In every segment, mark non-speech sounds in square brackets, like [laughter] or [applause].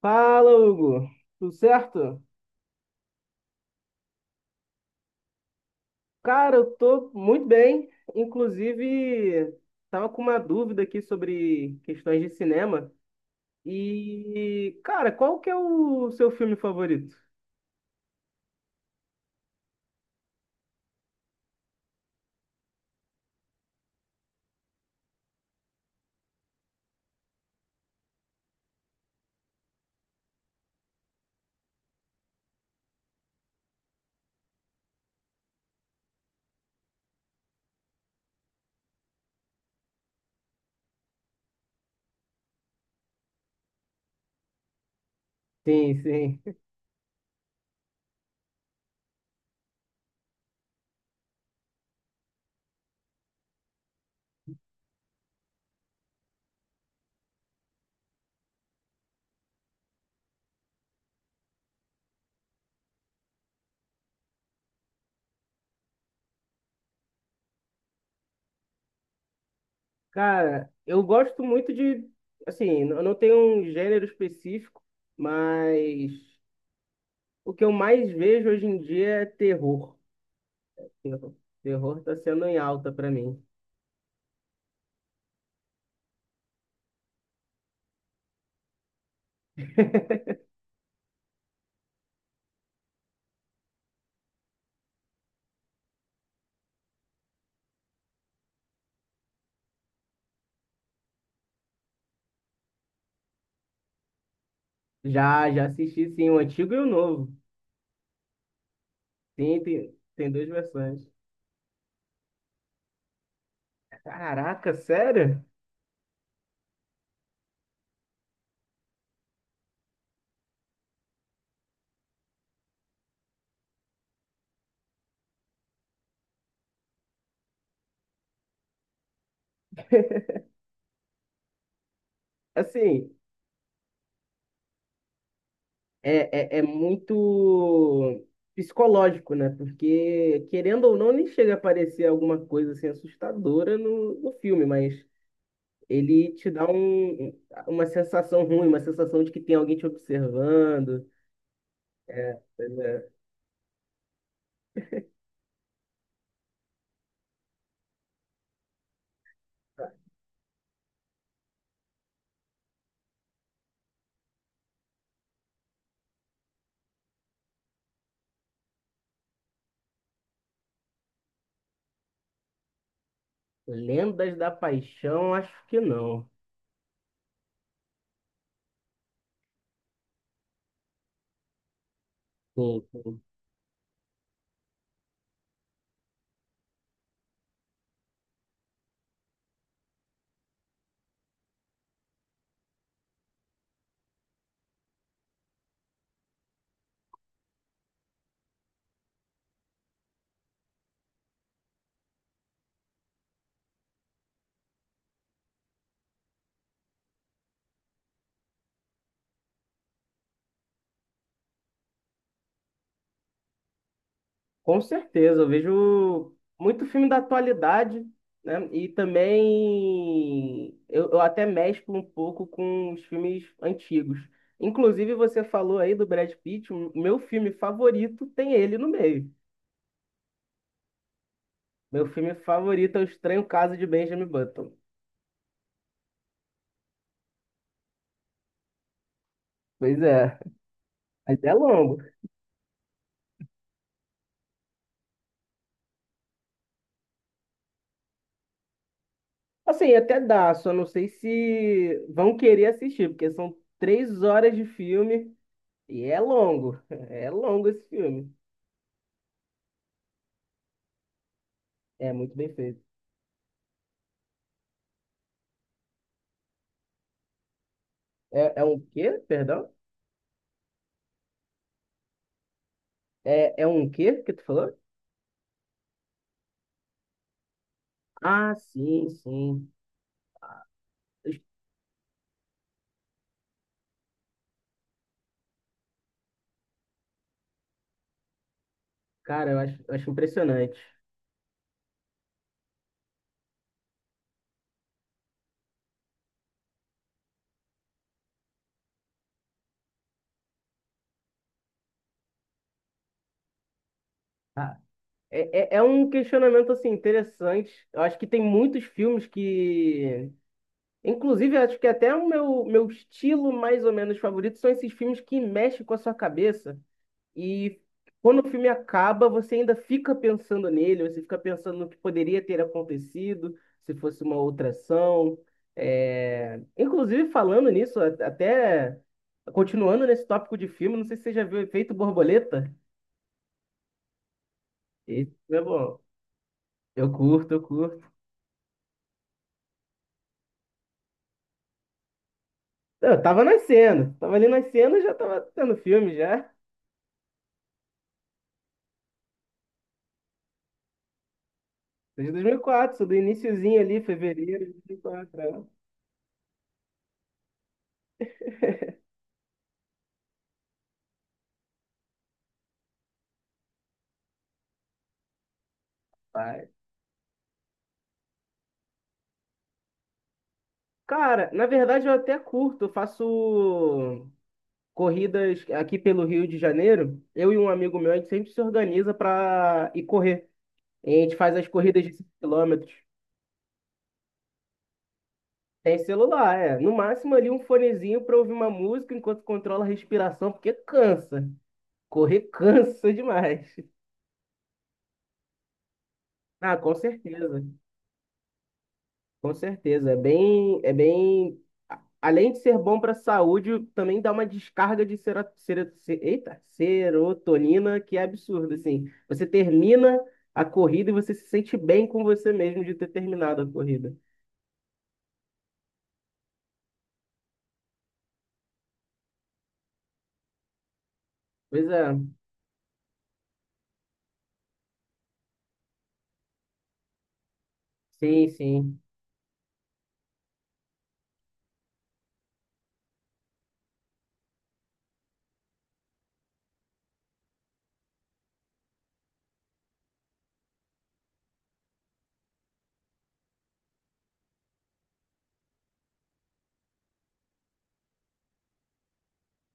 Fala, Hugo. Tudo certo? Cara, eu tô muito bem. Inclusive, tava com uma dúvida aqui sobre questões de cinema. E, cara, qual que é o seu filme favorito? Sim, sim. Cara, eu gosto muito de, assim, eu não tenho um gênero específico, mas o que eu mais vejo hoje em dia é terror. Terror, terror tá sendo em alta pra mim. Já, já assisti, sim, o antigo e o novo. Sim, tem duas versões. Caraca, sério? Assim, é muito psicológico, né? Porque, querendo ou não, nem chega a aparecer alguma coisa assim assustadora no filme, mas ele te dá um, uma sensação ruim, uma sensação de que tem alguém te observando. É, pois é. Lendas da Paixão, acho que não. Sim, sim. Com certeza, eu vejo muito filme da atualidade, né? E também eu até mesclo um pouco com os filmes antigos. Inclusive, você falou aí do Brad Pitt, o meu filme favorito tem ele no meio. Meu filme favorito é O Estranho Caso de Benjamin Button. Pois é. Mas é longo. Assim, até dá, só não sei se vão querer assistir, porque são três horas de filme e é longo. [laughs] É longo esse filme. É muito bem feito. É, é um quê? Perdão? É, é um quê que tu falou? Ah, sim, sim. Cara, eu acho impressionante. Ah, é um questionamento, assim, interessante. Eu acho que tem muitos filmes que... Inclusive, eu acho que até o meu estilo mais ou menos favorito são esses filmes que mexem com a sua cabeça. E quando o filme acaba, você ainda fica pensando nele, você fica pensando no que poderia ter acontecido se fosse uma outra ação. É, inclusive, falando nisso, até continuando nesse tópico de filme, não sei se você já viu o Efeito Borboleta. Esse é bom. Eu curto. Eu tava nascendo, tava ali nascendo e já tava tendo filme já. Desde 2004, sou do iniciozinho ali, fevereiro de 2004, né? Pai. Cara, na verdade eu até curto, eu faço corridas aqui pelo Rio de Janeiro, eu e um amigo meu, a gente sempre se organiza para ir correr. A gente faz as corridas de 5 quilômetros. Tem celular, é. No máximo ali um fonezinho para ouvir uma música enquanto controla a respiração, porque cansa. Correr cansa [laughs] demais. Ah, com certeza. Com certeza, é bem, além de ser bom para a saúde, também dá uma descarga de sera, sera, se- eita, serotonina que é absurda, assim. Você termina a corrida e você se sente bem com você mesmo de ter terminado a corrida. Pois é, sim, sim.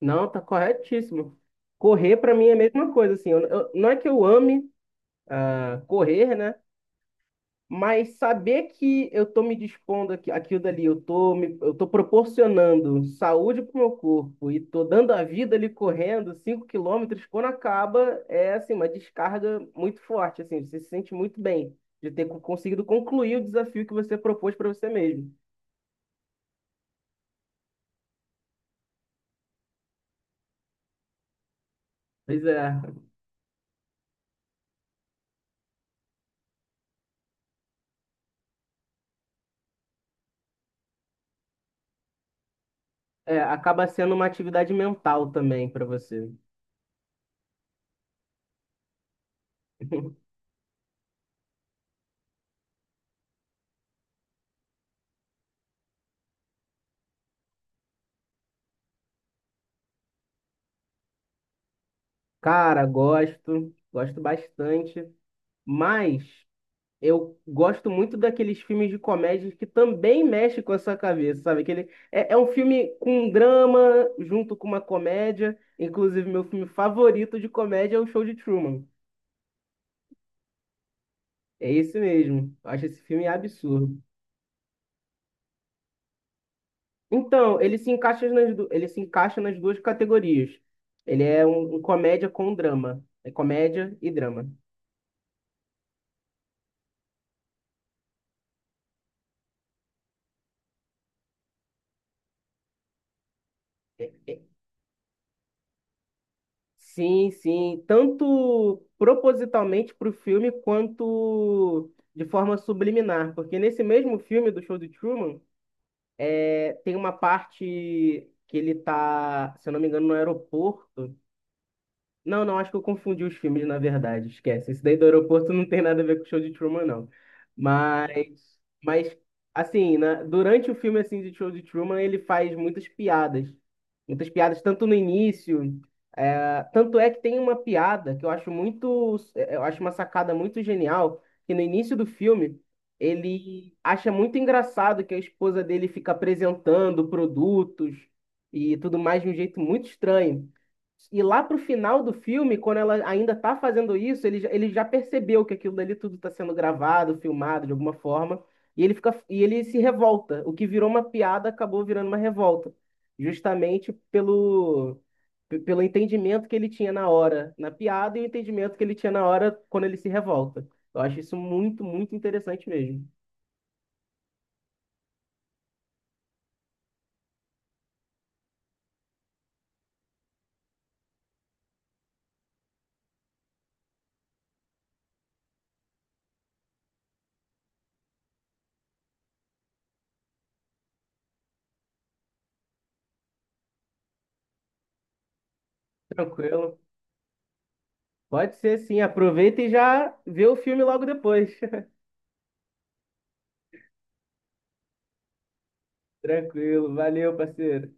Não, tá corretíssimo. Correr para mim é a mesma coisa, assim. Não é que eu ame, correr, né? Mas saber que eu estou me dispondo aqui, aquilo dali, eu tô proporcionando saúde para o meu corpo e estou dando a vida ali correndo 5 quilômetros, quando acaba, é assim, uma descarga muito forte, assim, você se sente muito bem de ter conseguido concluir o desafio que você propôs para você mesmo. Pois é, é, acaba sendo uma atividade mental também para você. [laughs] Cara, gosto, gosto bastante, mas eu gosto muito daqueles filmes de comédia que também mexe com a sua cabeça, sabe? Aquele, é um filme com um drama junto com uma comédia. Inclusive, meu filme favorito de comédia é O Show de Truman. É esse mesmo. Eu acho esse filme absurdo. Então, ele se encaixa nas duas categorias. Ele é um comédia com drama. É comédia e drama. É. Sim, sim. Tanto propositalmente para o filme, quanto de forma subliminar. Porque nesse mesmo filme do Show de Truman, tem uma parte que ele tá, se eu não me engano, no aeroporto. Não, não, acho que eu confundi os filmes, na verdade. Esquece. Esse daí do aeroporto não tem nada a ver com o show de Truman, não. Mas assim, né, durante o filme assim, de Show de Truman, ele faz muitas piadas. Muitas piadas, tanto no início. Tanto é que tem uma piada que eu acho muito. Eu acho uma sacada muito genial, que no início do filme. Ele acha muito engraçado que a esposa dele fica apresentando produtos e tudo mais de um jeito muito estranho. E lá pro final do filme, quando ela ainda tá fazendo isso, ele já percebeu que aquilo dali tudo tá sendo gravado, filmado de alguma forma, e ele fica, e ele se revolta. O que virou uma piada acabou virando uma revolta, justamente pelo entendimento que ele tinha na hora na piada e o entendimento que ele tinha na hora quando ele se revolta. Eu acho isso muito, muito interessante mesmo. Tranquilo. Pode ser sim, aproveita e já vê o filme logo depois. [laughs] Tranquilo, valeu, parceiro.